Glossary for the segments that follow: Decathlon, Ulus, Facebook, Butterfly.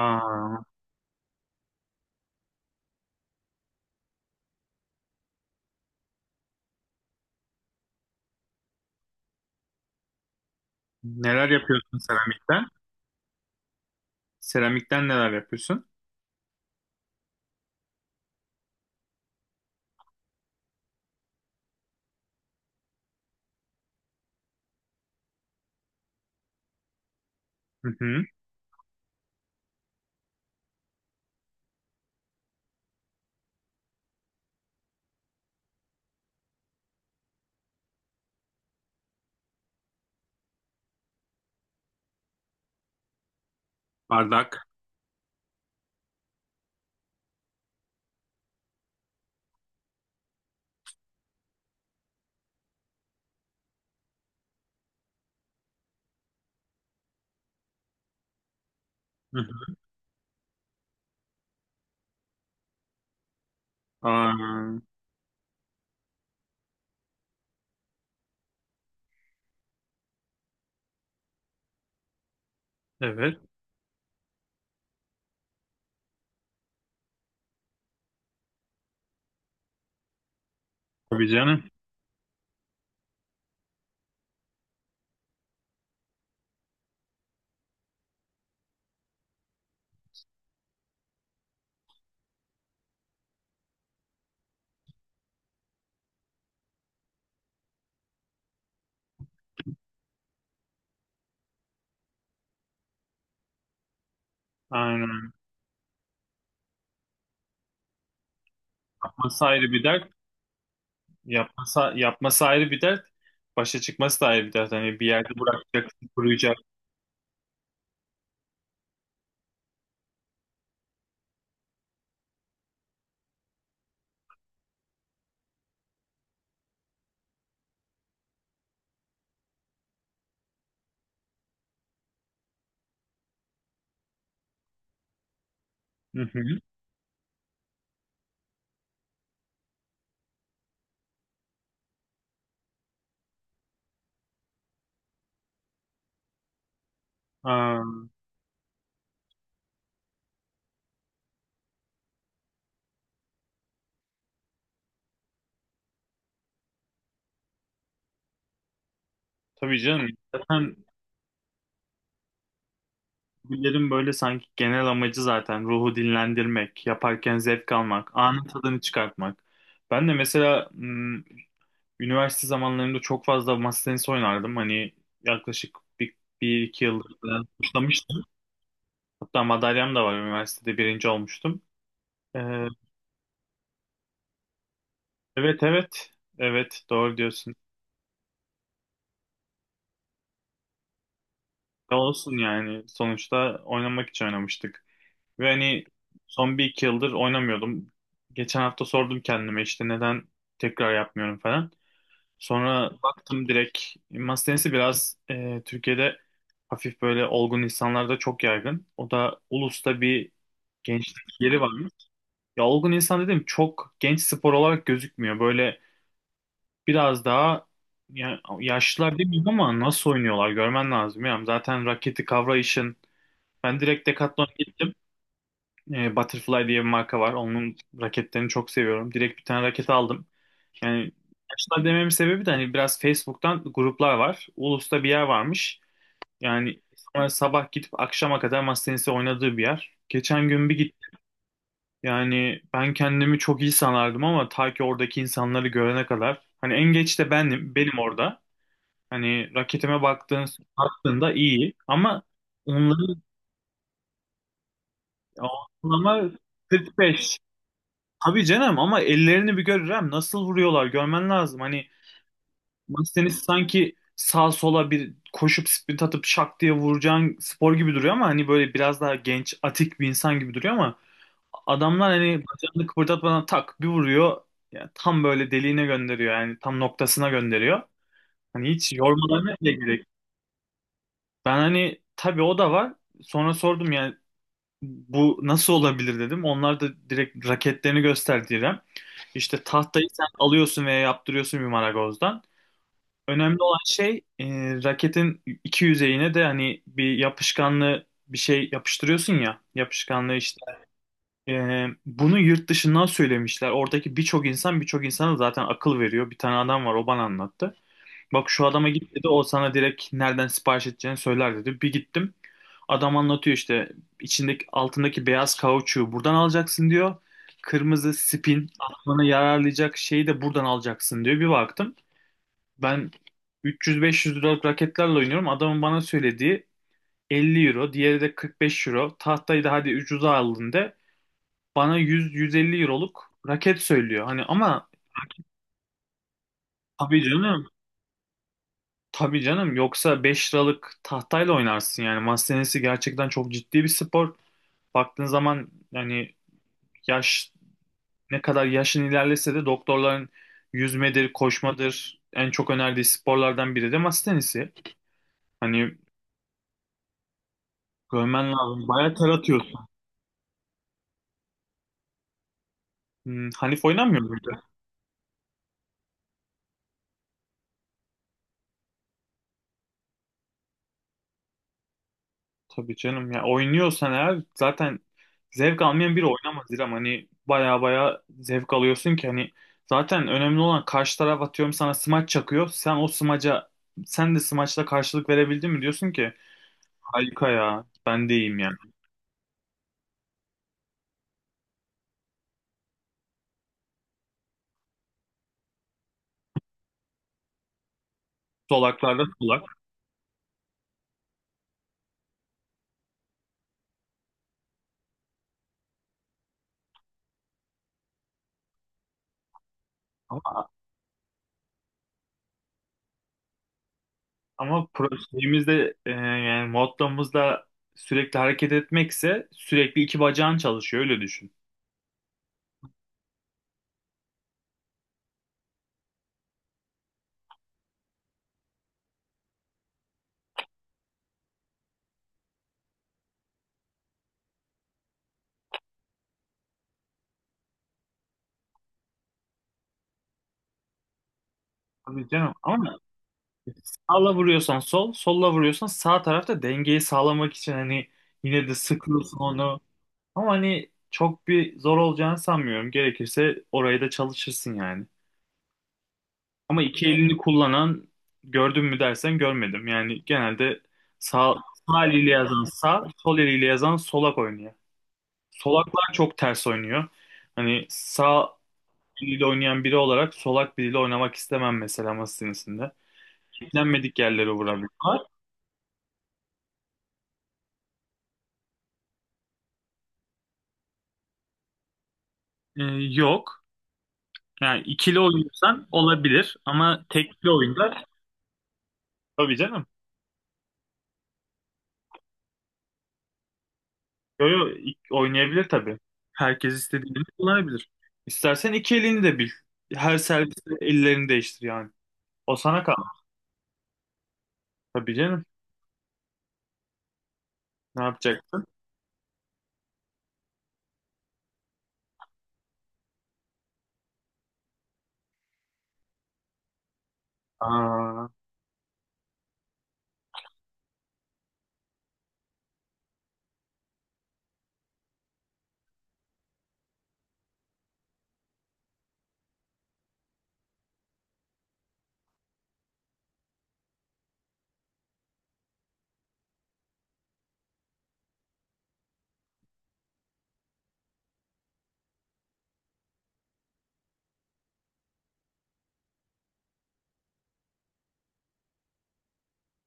Aa, neler yapıyorsun seramikten? Seramikten neler yapıyorsun? Hı hı. Bardak. Hı hı. Aa, evet. Tabii canım. Aynen. Yapması ayrı bir dert. Yapması, yapması ayrı bir dert. Başa çıkması da ayrı bir dert. Hani bir yerde bırakacaksın, kuruyacak. Hı hı. Aa, tabii canım. Zaten bunların böyle sanki genel amacı zaten ruhu dinlendirmek, yaparken zevk almak, anın tadını çıkartmak. Ben de mesela üniversite zamanlarımda çok fazla masa tenisi oynardım. Hani yaklaşık bir iki yıldır falan başlamıştım. Hatta madalyam da var. Üniversitede birinci olmuştum. Ee, evet evet. Evet doğru diyorsun. Ne olsun yani. Sonuçta oynamak için oynamıştık. Ve hani son bir iki yıldır oynamıyordum. Geçen hafta sordum kendime işte neden tekrar yapmıyorum falan. Sonra baktım direkt masa tenisi biraz Türkiye'de hafif böyle olgun insanlarda çok yaygın. O da Ulus'ta bir gençlik yeri varmış. Ya olgun insan dedim çok genç spor olarak gözükmüyor. Böyle biraz daha ya, yaşlılar demiyorum ama nasıl oynuyorlar görmen lazım. Ya. Zaten raketi kavrayışın. Ben direkt Decathlon'a gittim. Butterfly diye bir marka var. Onun raketlerini çok seviyorum. Direkt bir tane raket aldım. Yani yaşlılar dememin sebebi de hani biraz Facebook'tan gruplar var. Ulus'ta bir yer varmış. Yani sonra sabah gidip akşama kadar masa tenisi oynadığı bir yer. Geçen gün bir gittim. Yani ben kendimi çok iyi sanardım ama ta ki oradaki insanları görene kadar. Hani en geç de benim orada. Hani raketime baktığında iyi ama onların ortalama 45. Tabii canım ama ellerini bir görürem nasıl vuruyorlar görmen lazım. Hani Mastenis sanki sağ sola bir koşup sprint atıp şak diye vuracağın spor gibi duruyor ama hani böyle biraz daha genç, atik bir insan gibi duruyor ama adamlar hani bacağını kıpırdatmadan tak bir vuruyor. Yani tam böyle deliğine gönderiyor yani tam noktasına gönderiyor. Hani hiç yormalarına bile gerek. Ben hani tabii o da var. Sonra sordum yani bu nasıl olabilir dedim. Onlar da direkt raketlerini gösterdiler. İşte tahtayı sen alıyorsun veya yaptırıyorsun bir marangozdan. Önemli olan şey raketin iki yüzeyine de hani bir yapışkanlı bir şey yapıştırıyorsun ya yapışkanlığı işte. Bunu yurt dışından söylemişler. Oradaki birçok insan birçok insana zaten akıl veriyor. Bir tane adam var o bana anlattı. Bak şu adama git dedi o sana direkt nereden sipariş edeceğini söyler dedi. Bir gittim. Adam anlatıyor işte içindeki altındaki beyaz kauçuğu buradan alacaksın diyor. Kırmızı spin aklına yararlayacak şeyi de buradan alacaksın diyor. Bir baktım. Ben 300-500 liralık raketlerle oynuyorum. Adamın bana söylediği 50 euro, diğeri de 45 euro. Tahtayı da hadi ucuza aldın de bana 100-150 euroluk raket söylüyor. Hani ama tabii canım, tabii canım yoksa 5 liralık tahtayla oynarsın yani. Masa tenisi gerçekten çok ciddi bir spor. Baktığın zaman yani yaş ne kadar yaşın ilerlese de doktorların yüzmedir, koşmadır en çok önerdiği sporlardan biri de masa tenisi. Hani görmen lazım. Bayağı ter atıyor. Hanif oynamıyor muydu? Tabii canım ya oynuyorsan eğer zaten zevk almayan biri oynamaz İrem. Hani baya baya zevk alıyorsun ki hani zaten önemli olan karşı taraf atıyorum sana smaç çakıyor. Sen o smaca sen de smaçla karşılık verebildin mi diyorsun ki harika ya ben de iyiyim yani. Solaklarda solak ama, ama şeyimizde yani modlamızda sürekli hareket etmekse sürekli iki bacağın çalışıyor öyle düşün. Tabii canım ama sağla vuruyorsan sol, solla vuruyorsan sağ tarafta dengeyi sağlamak için hani yine de sıkıyorsun onu. Ama hani çok bir zor olacağını sanmıyorum. Gerekirse orayı da çalışırsın yani. Ama iki elini kullanan gördüm mü dersen görmedim. Yani genelde sağ, sağ eliyle yazan sağ, sol eliyle yazan solak oynuyor. Solaklar çok ters oynuyor. Hani sağ eliyle oynayan biri olarak solak biriyle oynamak istemem mesela masa tenisinde. Beklenmedik yerlere vurabiliyorlar. Ee, yok. Yani ikili oynuyorsan olabilir ama tekli oyunda tabii canım. Yo, yo, oynayabilir tabii. Herkes istediğini kullanabilir. İstersen iki elini de bil. Her serviste ellerini değiştir yani. O sana kal. Tabii canım. Ne yapacak? Aa,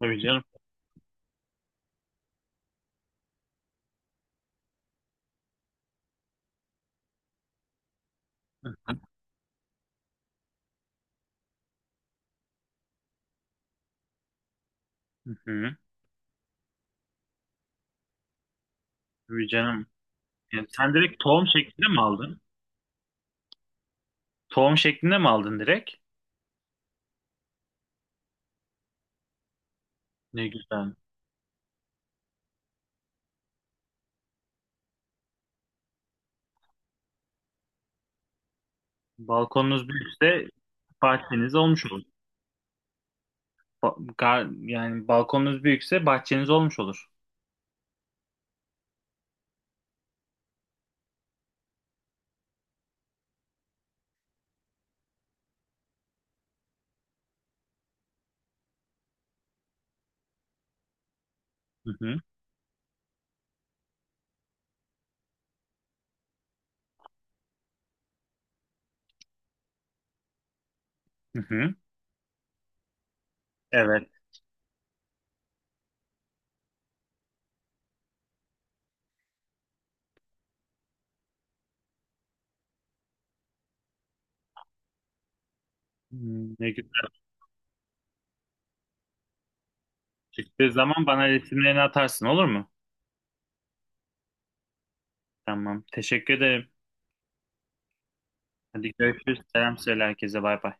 tabii canım. Hı hı. Hı hı. Tabii canım. Yani sen direkt tohum şeklinde mi aldın? Tohum şeklinde mi aldın direkt? Ne güzel. Balkonunuz büyükse bahçeniz olmuş olur. Yani balkonunuz büyükse bahçeniz olmuş olur. Hı hı. Hı hı. Evet. Ne güzel. Çıktığı zaman bana resimlerini atarsın olur mu? Tamam. Teşekkür ederim. Hadi görüşürüz. Selam söyle herkese. Bay bay.